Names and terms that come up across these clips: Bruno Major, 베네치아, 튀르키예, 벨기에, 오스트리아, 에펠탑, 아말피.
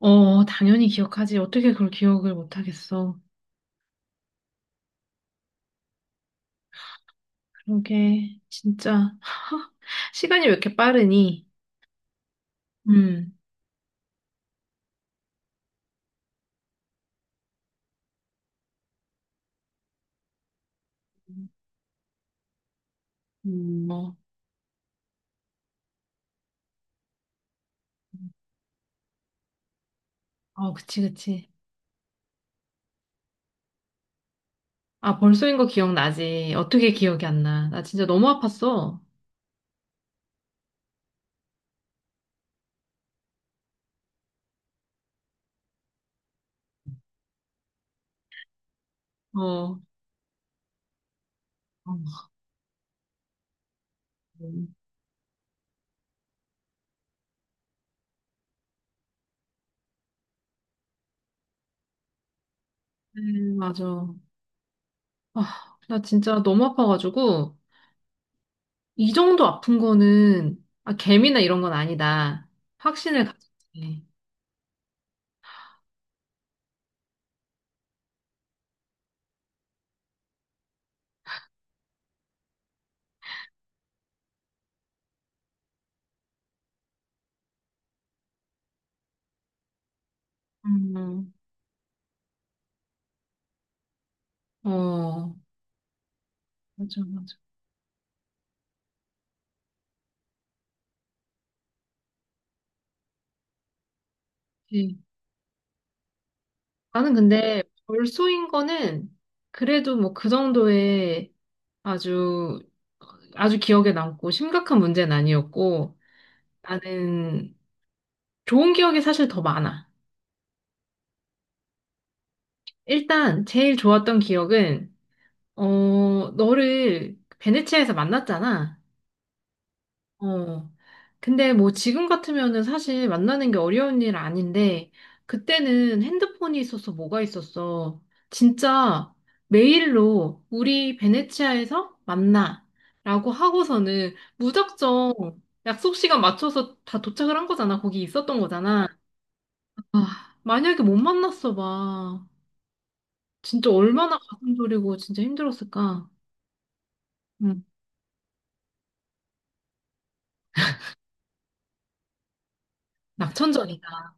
어, 당연히 기억하지. 어떻게 그걸 기억을 못하겠어. 그러게, 진짜. 시간이 왜 이렇게 빠르니? 음, 어, 어, 그치, 그치. 아, 벌써인 거 기억나지. 어떻게 기억이 안 나. 나 진짜 너무 아팠어. 어, 어, 음. 맞아. 아, 나 진짜 너무 아파가지고, 이 정도 아픈 거는, 아, 개미나 이런 건 아니다. 확신을 가졌지. 음. 어, 맞아, 맞아. 나는 근데 벌소인 거는 그래도 뭐 그 정도의 아주 아주 기억에 남고 심각한 문제는 아니었고 나는 좋은 기억이 사실 더 많아. 일단 제일 좋았던 기억은 어 너를 베네치아에서 만났잖아. 어. 근데 뭐 지금 같으면은 사실 만나는 게 어려운 일 아닌데, 그때는 핸드폰이 있어서 뭐가 있었어. 진짜 메일로 우리 베네치아에서 만나. 라고 하고서는 무작정 약속 시간 맞춰서 다 도착을 한 거잖아. 거기 있었던 거잖아. 아, 만약에 못 만났어 봐. 진짜 얼마나 가슴 졸이고 진짜 힘들었을까. 응. 낙천전이다.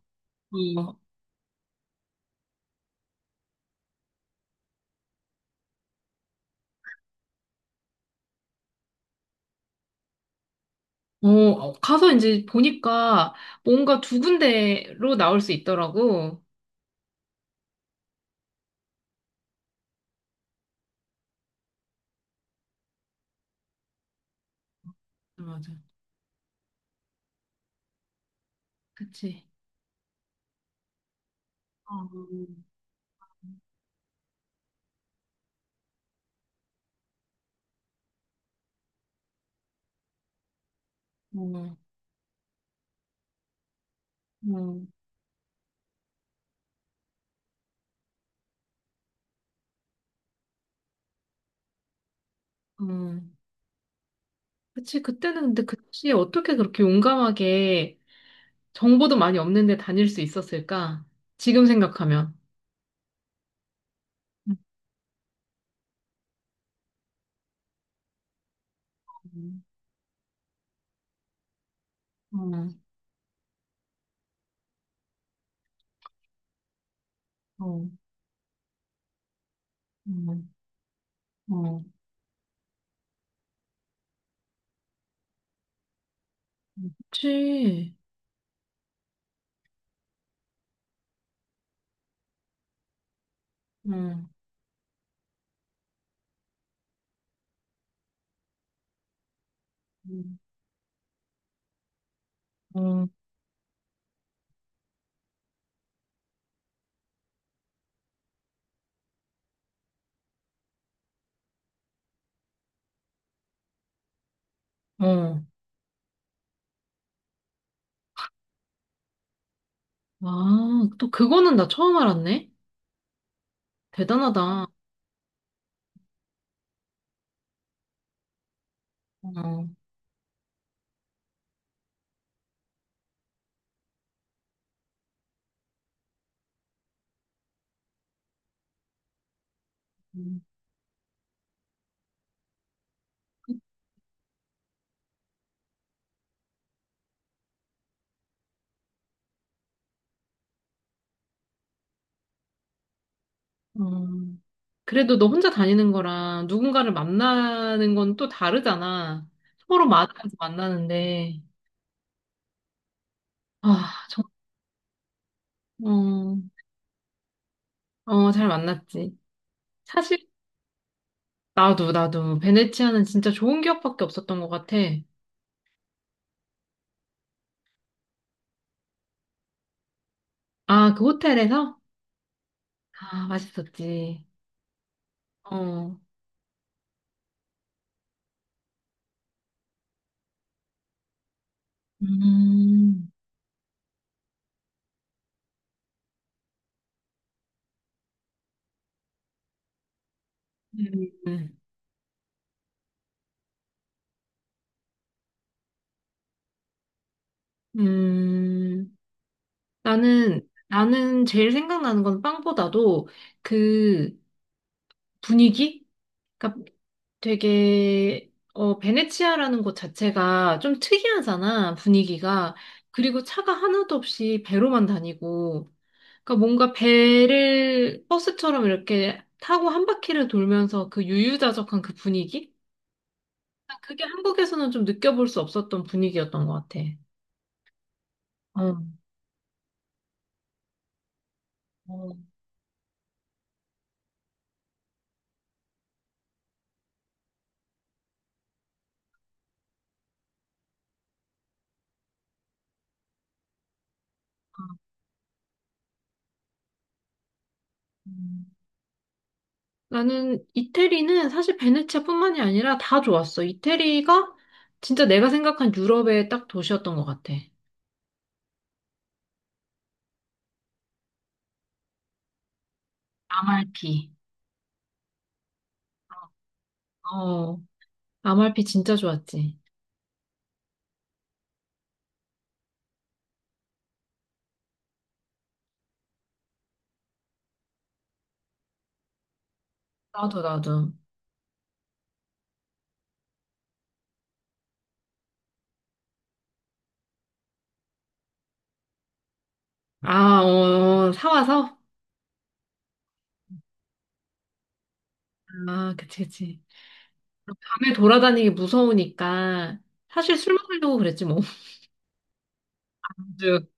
어, 어, 가서 이제 보니까 뭔가 두 군데로 나올 수 있더라고. 맞아. 그치. 어 어 어 어, 그치. 그때는 근데 그치. 어떻게 그렇게 용감하게 정보도 많이 없는데 다닐 수 있었을까? 지금 생각하면. 음, 어, 어, 음, 음. 그치. 음, 어, 음, 어. 아, 또 그거는 나 처음 알았네. 대단하다. 어. 음. 음. 그래도 너 혼자 다니는 거랑 누군가를 만나는 건 또 다르잖아. 서로 맞아서 만나는데. 아, 어, 어, 잘 만났지. 사실, 나도, 나도, 베네치아는 진짜 좋은 기억밖에 없었던 것 같아. 아, 그 호텔에서? 아, 맛있었지. 어. 음. 음. 음. 나는, 나는 제일 생각나는 건 빵보다도 그 분위기? 그러니까 되게 어 베네치아라는 곳 자체가 좀 특이하잖아, 분위기가. 그리고 차가 하나도 없이 배로만 다니고. 그러니까 뭔가 배를 버스처럼 이렇게 타고 한 바퀴를 돌면서 그 유유자적한 그 분위기? 그게 한국에서는 좀 느껴볼 수 없었던 분위기였던 것 같아. 어. 어, 음. 나는 이태리는 사실 베네치아뿐만이 아니라 다 좋았어. 이태리가 진짜 내가 생각한 유럽의 딱 도시였던 것 같아. 아말피. 어, 아말피 진짜 좋았지. 나도, 나도. 아, 어, 어, 사와서? 아, 그치, 그치. 밤에 돌아다니기 무서우니까, 사실 술 먹으려고 그랬지, 뭐. 쭉.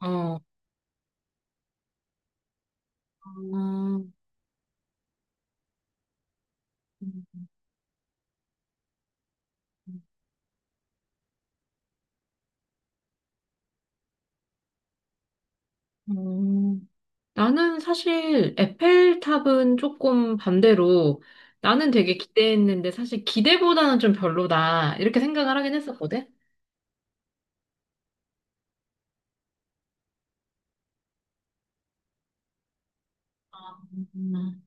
어. 음, 음. 나는 사실 에펠탑은 조금 반대로, 나는 되게 기대했는데, 사실 기대보다는 좀 별로다. 이렇게 생각을 하긴 했었거든. 음.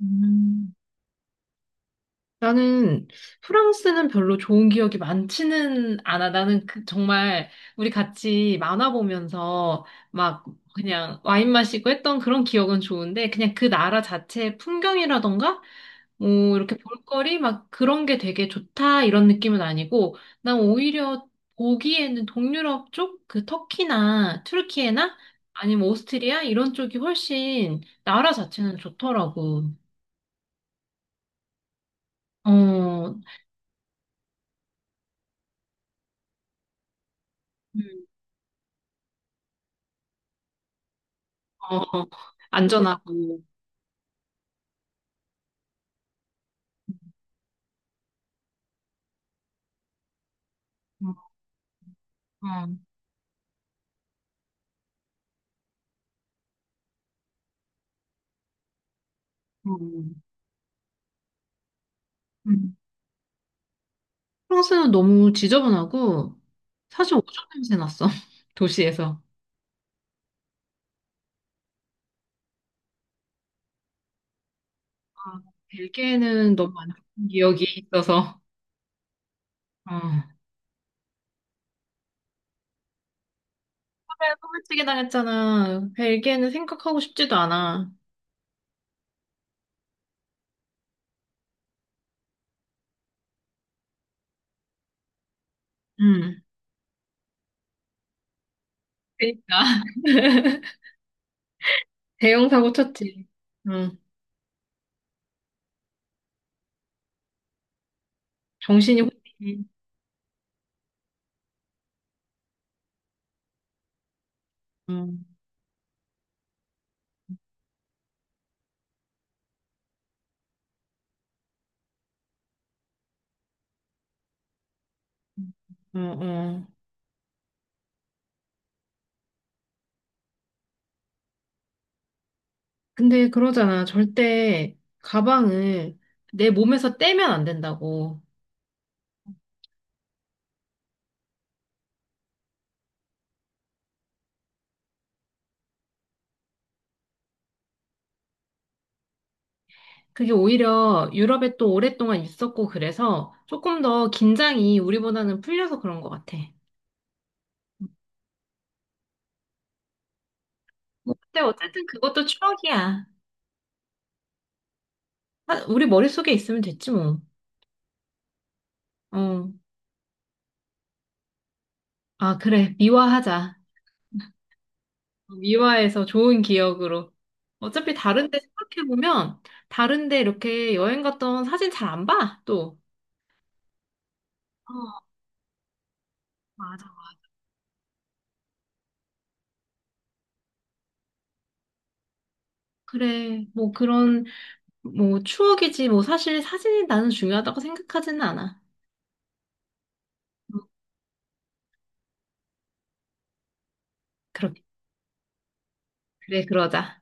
음. 나는 프랑스는 별로 좋은 기억이 많지는 않아. 나는 정말 우리 같이 만화 보면서 막 그냥 와인 마시고 했던 그런 기억은 좋은데 그냥 그 나라 자체의 풍경이라던가 뭐 이렇게 볼거리 막 그런 게 되게 좋다 이런 느낌은 아니고 난 오히려 보기에는 동유럽 쪽 그 터키나 튀르키예나 아니면 오스트리아 이런 쪽이 훨씬 나라 자체는 좋더라고. 어. 음. 어, 어. 안전하고. 어, 어, 어. 음. 프랑스는 너무 지저분하고 사실 오줌 냄새 났어. 도시에서. 아, 벨기에는 너무 안 좋은 기억이 있어서. 어. 소매치기 당했잖아. 벨기에는 생각하고 싶지도 않아. 음. 그러니까 대형 사고 쳤지. 응 정신이 혼미. 응 어, 어. 근데 그러잖아. 절대 가방을 내 몸에서 떼면 안 된다고. 그게 오히려 유럽에 또 오랫동안 있었고 그래서 조금 더 긴장이 우리보다는 풀려서 그런 것 같아. 뭐, 근데 어쨌든 그것도 추억이야. 아, 우리 머릿속에 있으면 됐지 뭐. 어. 아, 그래. 미화하자. 미화해서 좋은 기억으로. 어차피 다른데 생각해보면 다른데 이렇게 여행 갔던 사진 잘 안 봐, 또. 어, 맞아. 그래. 뭐 그런 뭐 추억이지. 뭐 사실 사진이 나는 중요하다고 생각하지는 않아. 음, 그렇게. 그래, 그러자.